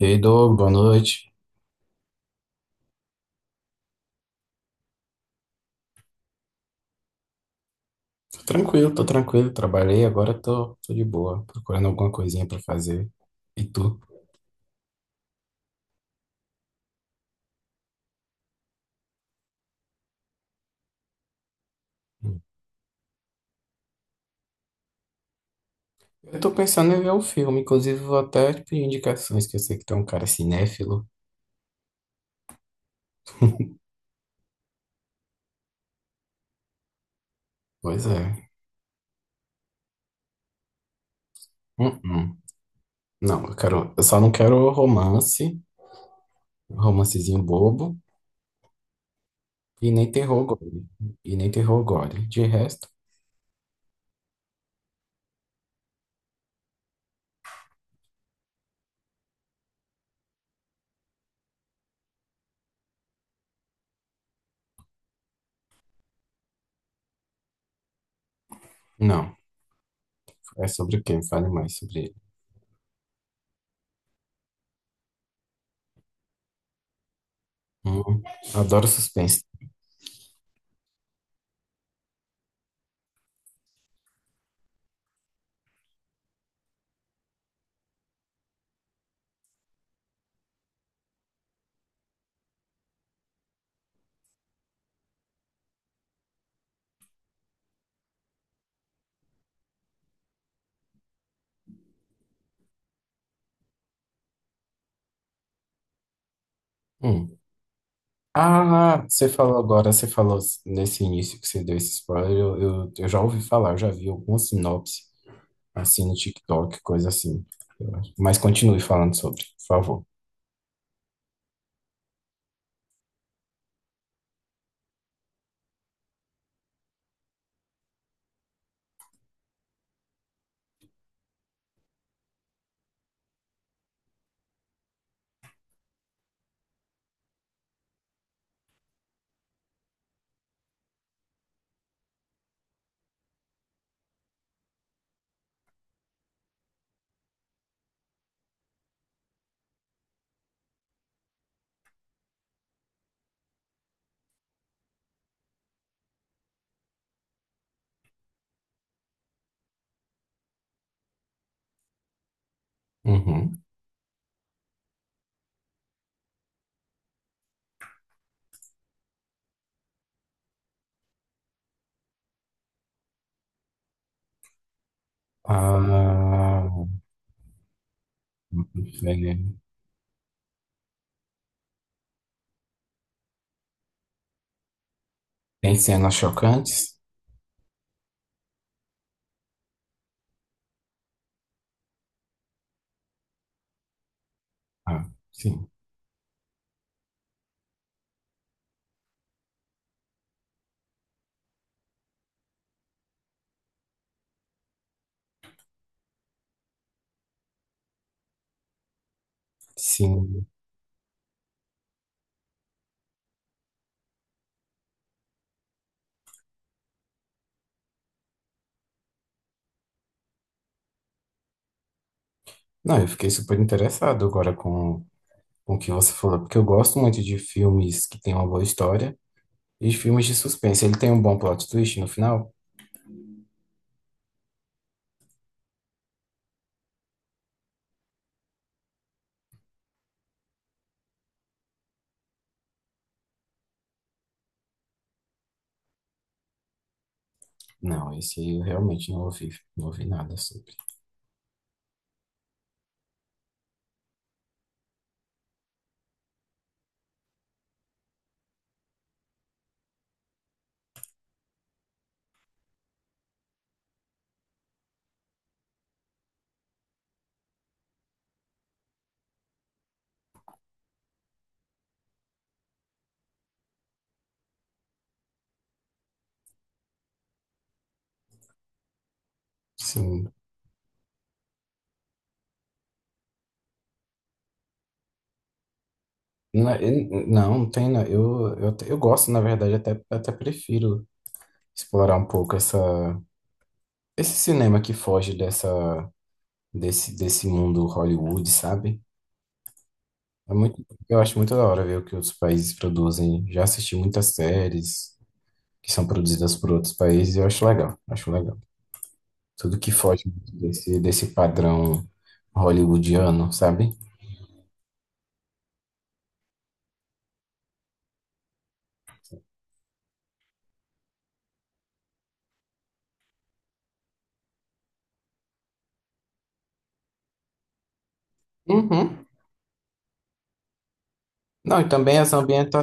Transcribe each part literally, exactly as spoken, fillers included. E aí, Doug, boa noite. Tô tranquilo, tô tranquilo. Trabalhei, agora tô, tô de boa, procurando alguma coisinha pra fazer. E tu? Hum. Eu tô pensando em ver um filme, inclusive vou até te pedir indicações, que eu sei que tu é um cara cinéfilo. Pois é. Hum, hum. Não, eu quero, eu só não quero romance, romancezinho bobo, e nem terror gore. E nem terror gore. De resto, não. É sobre o quê? Me fale mais sobre ele. Hum, adoro suspense. Hum. Ah, você falou agora, você falou nesse início que você deu esse spoiler, eu, eu, eu já ouvi falar, eu já vi alguma sinopse, assim, no TikTok, coisa assim. Eu acho. Mas continue falando sobre, por favor. Uhum. Ah, velho. Tem cenas chocantes? Ah, sim. Sim. Não, eu fiquei super interessado agora com, com o que você falou, porque eu gosto muito de filmes que têm uma boa história e de filmes de suspense. Ele tem um bom plot twist no final? Não, esse aí eu realmente não ouvi, não ouvi nada sobre. Sim. Não, eu- não, não tem. Não. Eu, eu, te- eu gosto, na verdade, até, até prefiro explorar um pouco essa, esse cinema que foge dessa, desse, desse mundo Hollywood, sabe? É muito, eu acho muito da hora ver o que outros países produzem. Já assisti muitas séries que são produzidas por outros países e eu acho legal, acho legal. Tudo que foge desse, desse padrão hollywoodiano, sabe? Uhum. Não, e também as ambienta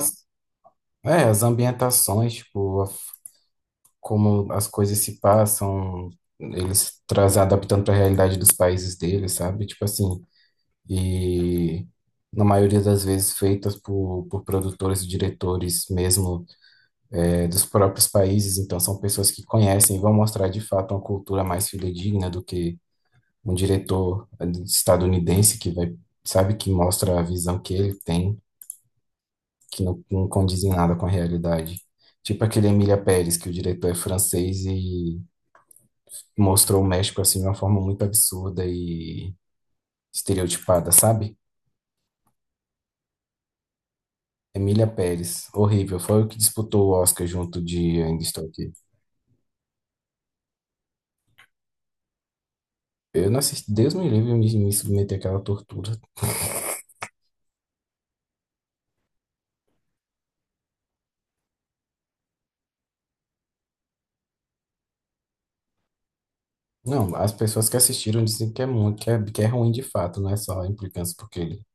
é, as ambientações, tipo, a f- como as coisas se passam, eles trazem adaptando para a realidade dos países deles, sabe? Tipo assim, e na maioria das vezes feitas por, por produtores e diretores mesmo é, dos próprios países, então são pessoas que conhecem e vão mostrar de fato uma cultura mais fidedigna do que um diretor é, estadunidense que vai, sabe, que mostra a visão que ele tem. Que não, não condiz em nada com a realidade. Tipo aquele Emília Pérez, que o diretor é francês e mostrou o México assim de uma forma muito absurda e estereotipada, sabe? Emília Pérez, horrível. Foi o que disputou o Oscar junto de Ainda Estou Aqui. Eu não assisti, Deus me livre me, me submeter àquela tortura. Não, as pessoas que assistiram dizem que é muito, que é, que é ruim de fato, não é só a implicância porque ele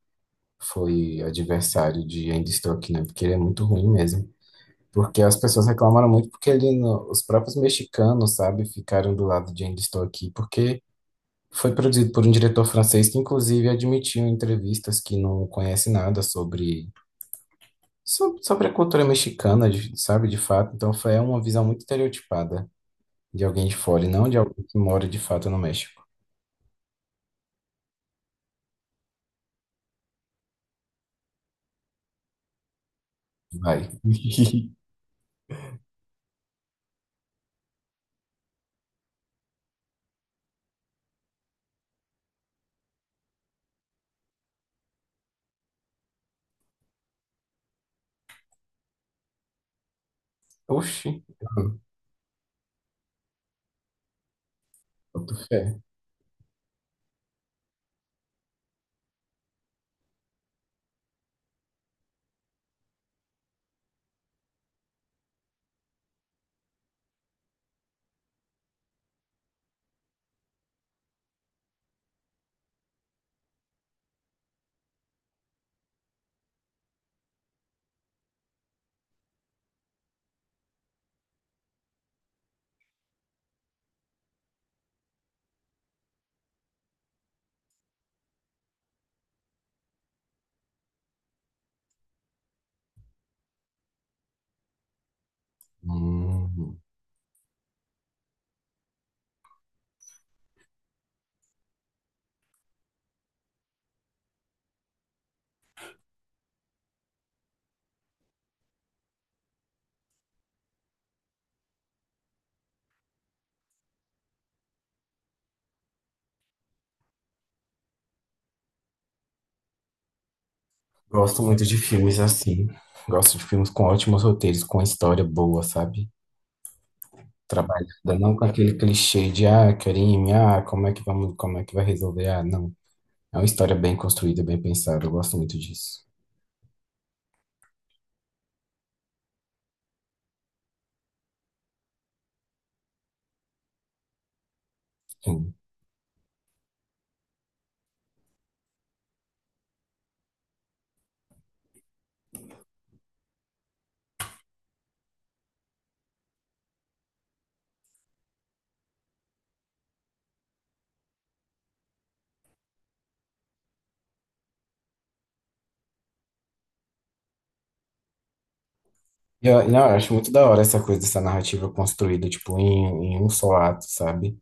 foi adversário de Ainda Estou Aqui, né? Porque ele é muito ruim mesmo. Porque as pessoas reclamaram muito porque ele, no- os próprios mexicanos, sabe, ficaram do lado de Ainda Estou Aqui, porque foi produzido por um diretor francês que, inclusive, admitiu em entrevistas que não conhece nada sobre, so- sobre a cultura mexicana, de- sabe, de fato. Então, foi é uma visão muito estereotipada de alguém de fora, e não de alguém que mora de fato no México. Vai. Oxi. É. Hum, gosto muito de filmes assim. Gosto de filmes com ótimos roteiros, com história boa, sabe? Trabalhada, não com aquele clichê de ah, crime, ah, como é que vamos, como é que vai resolver? Ah, não. É uma história bem construída, bem pensada. Eu gosto muito disso. Sim. E Eu, não, eu acho muito da hora essa coisa, essa narrativa construída, tipo, em, em um só ato, sabe?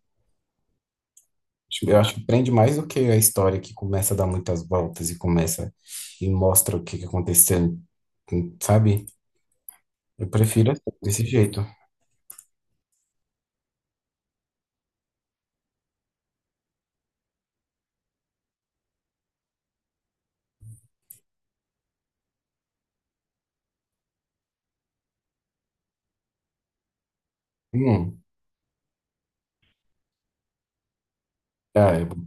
Tipo, eu acho que prende mais do que a história que começa a dar muitas voltas e começa e mostra o que que aconteceu, sabe? Eu prefiro assim, desse jeito. Hum. Ah, é bom.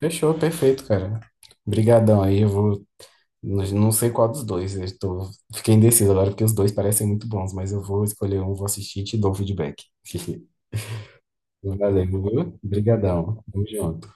Fechou, perfeito, cara. Obrigadão aí, eu vou. Não, não sei qual dos dois. Eu tô... Fiquei indeciso agora porque os dois parecem muito bons, mas eu vou escolher um, vou assistir e te dou o feedback. Valeu, viu? Obrigadão. Tamo junto.